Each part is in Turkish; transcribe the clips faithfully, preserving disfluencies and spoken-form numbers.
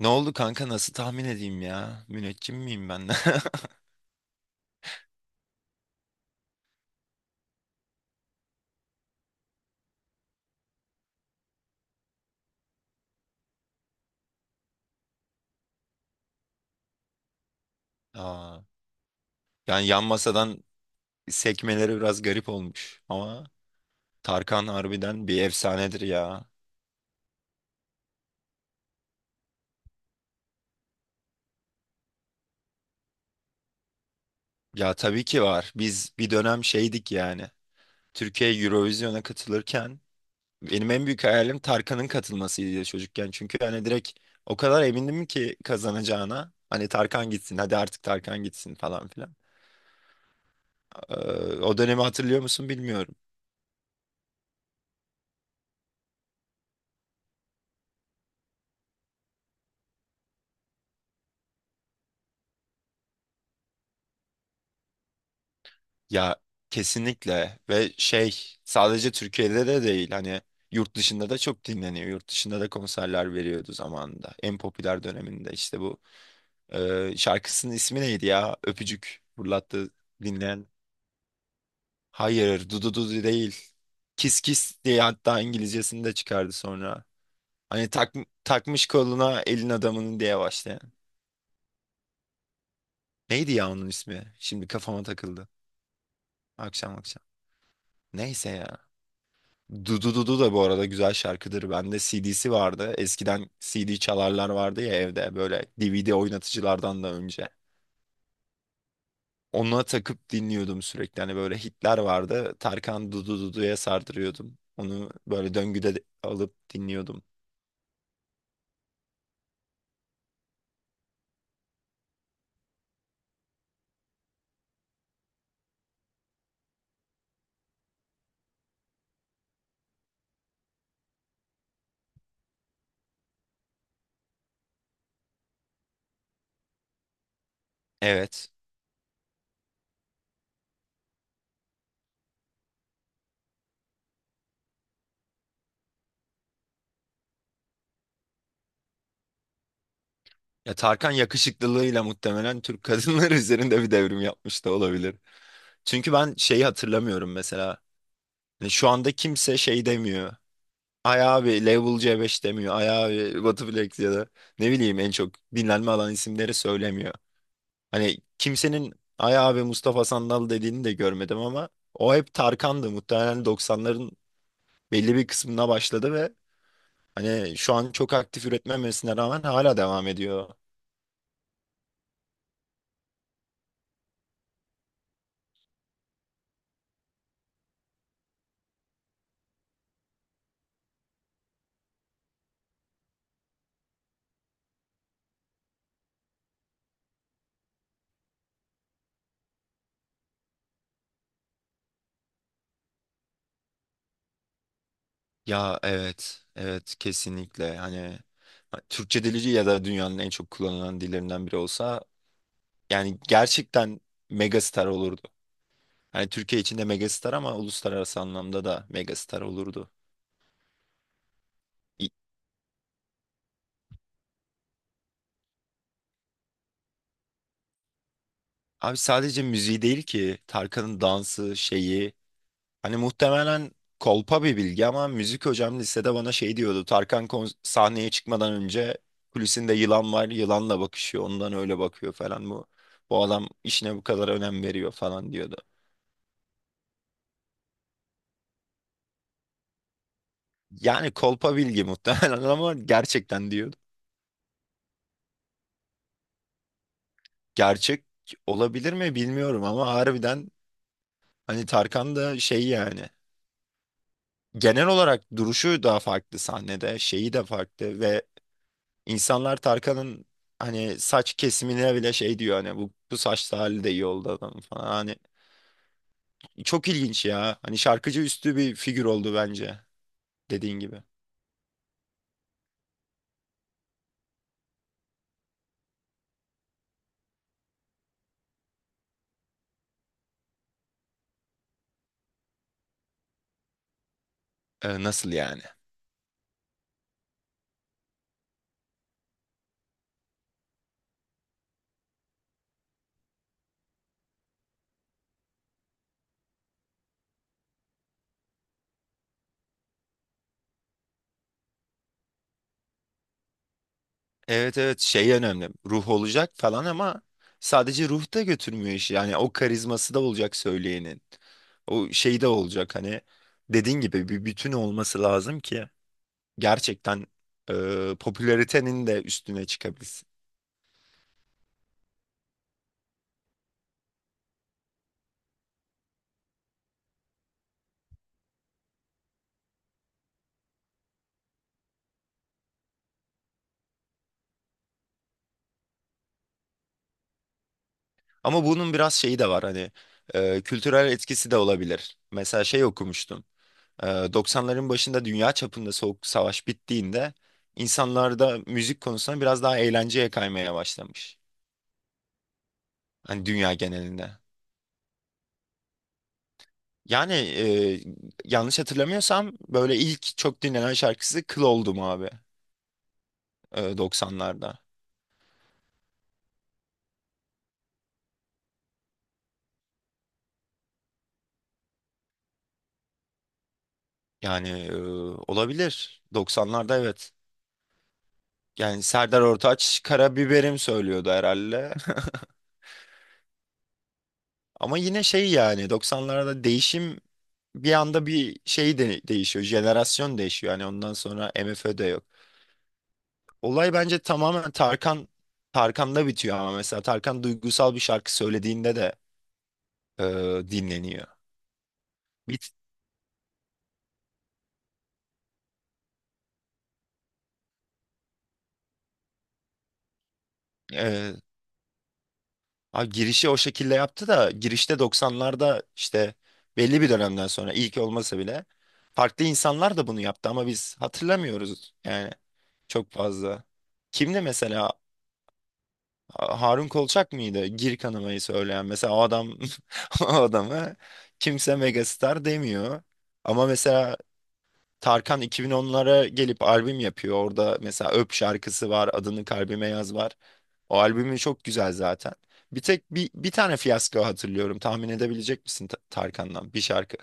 Ne oldu kanka nasıl tahmin edeyim ya? Müneccim miyim ben? Aa, yani yan masadan sekmeleri biraz garip olmuş ama Tarkan harbiden bir efsanedir ya. Ya tabii ki var. Biz bir dönem şeydik yani. Türkiye Eurovision'a katılırken benim en büyük hayalim Tarkan'ın katılmasıydı çocukken. Çünkü hani direkt o kadar emindim ki kazanacağına. Hani Tarkan gitsin hadi artık Tarkan gitsin falan filan. Ee, O dönemi hatırlıyor musun bilmiyorum. Ya kesinlikle ve şey sadece Türkiye'de de değil hani yurt dışında da çok dinleniyor. Yurt dışında da konserler veriyordu zamanında. En popüler döneminde işte bu e, şarkısının ismi neydi ya? Öpücük fırlattı dinleyen. Hayır, Dudu Dudu değil. Kiss Kiss diye hatta İngilizcesini de çıkardı sonra. Hani tak, takmış koluna elin adamının diye başlayan. Neydi ya onun ismi? Şimdi kafama takıldı. Akşam akşam. Neyse ya. Dudu Dudu da bu arada güzel şarkıdır. Bende C D'si vardı. Eskiden C D çalarlar vardı ya evde, böyle D V D oynatıcılardan da önce. Ona takıp dinliyordum sürekli. Hani böyle hitler vardı. Tarkan Dudu Dudu'ya sardırıyordum. Onu böyle döngüde de- alıp dinliyordum. Evet. Ya Tarkan yakışıklılığıyla muhtemelen Türk kadınları üzerinde bir devrim yapmış da olabilir. Çünkü ben şeyi hatırlamıyorum mesela. Hani şu anda kimse şey demiyor. Ay abi Level C beş demiyor. Ay abi Batuflex ya da ne bileyim en çok dinlenme alan isimleri söylemiyor. Hani kimsenin Ay abi Mustafa Sandal dediğini de görmedim ama o hep Tarkan'dı. Muhtemelen doksanların belli bir kısmına başladı ve hani şu an çok aktif üretmemesine rağmen hala devam ediyor. Ya evet, evet kesinlikle hani Türkçe dili ya da dünyanın en çok kullanılan dillerinden biri olsa yani gerçekten megastar olurdu. Hani Türkiye içinde megastar ama uluslararası anlamda da megastar olurdu. İ- Abi sadece müziği değil ki, Tarkan'ın dansı şeyi. Hani muhtemelen kolpa bir bilgi ama müzik hocam lisede bana şey diyordu. Tarkan kon- sahneye çıkmadan önce kulisinde yılan var, yılanla bakışıyor, ondan öyle bakıyor falan bu. Bu adam işine bu kadar önem veriyor falan diyordu. Yani kolpa bilgi muhtemelen, ama gerçekten diyordu. Gerçek olabilir mi bilmiyorum ama harbiden hani Tarkan da şey yani. Genel olarak duruşu da farklı sahnede, şeyi de farklı ve insanlar Tarkan'ın hani saç kesimine bile şey diyor, hani bu, bu saçlı hali de iyi oldu adamın falan. Hani çok ilginç ya. Hani şarkıcı üstü bir figür oldu bence, dediğin gibi. Ee, nasıl yani? Evet evet şey önemli. Ruh olacak falan ama sadece ruh da götürmüyor işi. Yani o karizması da olacak söyleyenin. O şey de olacak hani, dediğin gibi bir bütün olması lazım ki gerçekten e, popülaritenin de üstüne çıkabilsin. Ama bunun biraz şeyi de var, hani e, kültürel etkisi de olabilir. Mesela şey okumuştum. E, doksanların başında dünya çapında soğuk savaş bittiğinde insanlarda müzik konusunda biraz daha eğlenceye kaymaya başlamış. Hani dünya genelinde. Yani e, yanlış hatırlamıyorsam böyle ilk çok dinlenen şarkısı Kıl Oldum abi, e, doksanlarda. Yani e, olabilir. doksanlarda evet. Yani Serdar Ortaç karabiberim söylüyordu herhalde. Ama yine şey yani doksanlarda değişim bir anda bir şey de değişiyor. Jenerasyon değişiyor. Yani ondan sonra MFÖ de yok. Olay bence tamamen Tarkan Tarkan'da bitiyor ama mesela Tarkan duygusal bir şarkı söylediğinde de e, dinleniyor. Bit e, ha, girişi o şekilde yaptı da girişte doksanlarda işte belli bir dönemden sonra ilk olmasa bile farklı insanlar da bunu yaptı ama biz hatırlamıyoruz yani. Çok fazla. Kimdi mesela? Ha- Harun Kolçak mıydı? Gir kanamayı söyleyen. Mesela o adam o adamı kimse megastar demiyor. Ama mesela Tarkan iki bin onlara gelip albüm yapıyor. Orada mesela Öp şarkısı var. Adını kalbime yaz var. O albümü çok güzel zaten. Bir tek bir, bir tane fiyasko hatırlıyorum. Tahmin edebilecek misin Ta- Tarkan'dan bir şarkı?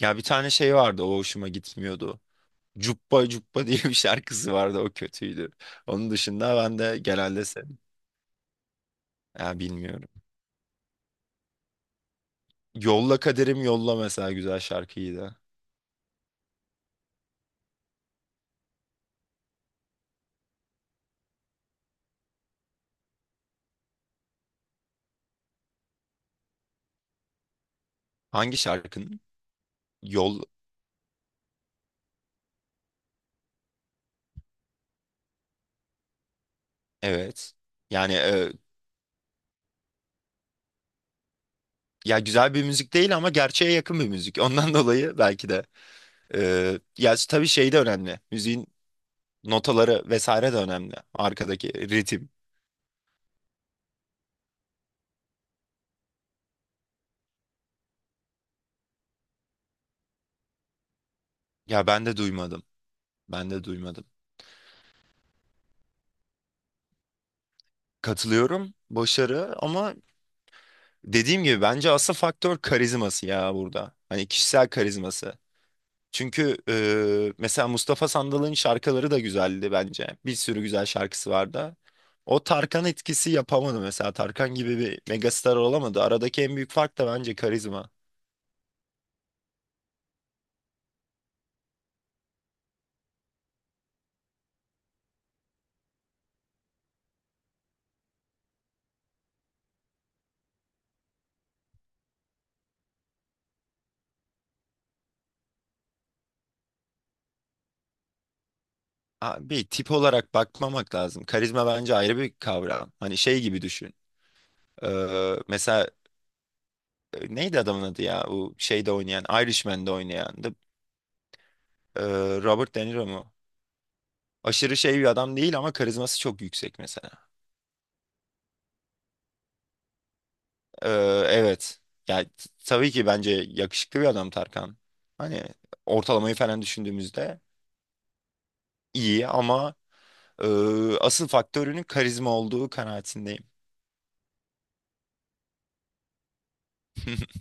Ya bir tane şey vardı, o hoşuma gitmiyordu. Cuppa Cuppa diye bir şarkısı vardı, o kötüydü. Onun dışında ben de genelde sev- ya bilmiyorum. Yolla Kaderim Yolla mesela güzel şarkıydı. Hangi şarkının? Yol, evet. Yani e, ya güzel bir müzik değil ama gerçeğe yakın bir müzik. Ondan dolayı belki de e, ya tabii şey de önemli. Müziğin notaları vesaire de önemli. Arkadaki ritim. Ya ben de duymadım. Ben de duymadım. Katılıyorum. Başarı ama, dediğim gibi bence asıl faktör karizması ya burada. Hani kişisel karizması. Çünkü e, mesela Mustafa Sandal'ın şarkıları da güzeldi bence. Bir sürü güzel şarkısı vardı. O Tarkan etkisi yapamadı mesela. Tarkan gibi bir megastar olamadı. Aradaki en büyük fark da bence karizma. Abi tip olarak bakmamak lazım. Karizma bence ayrı bir kavram. Hani şey gibi düşün. E, mesela e, neydi adamın adı ya? O şeyde oynayan, Irishman'de oynayan. The- e, Robert De Niro mu? Aşırı şey bir adam değil ama karizması çok yüksek mesela. Ee, evet. Ya t- tabii ki bence yakışıklı bir adam Tarkan. Hani ortalamayı falan düşündüğümüzde iyi ama e, asıl faktörünün karizma olduğu kanaatindeyim.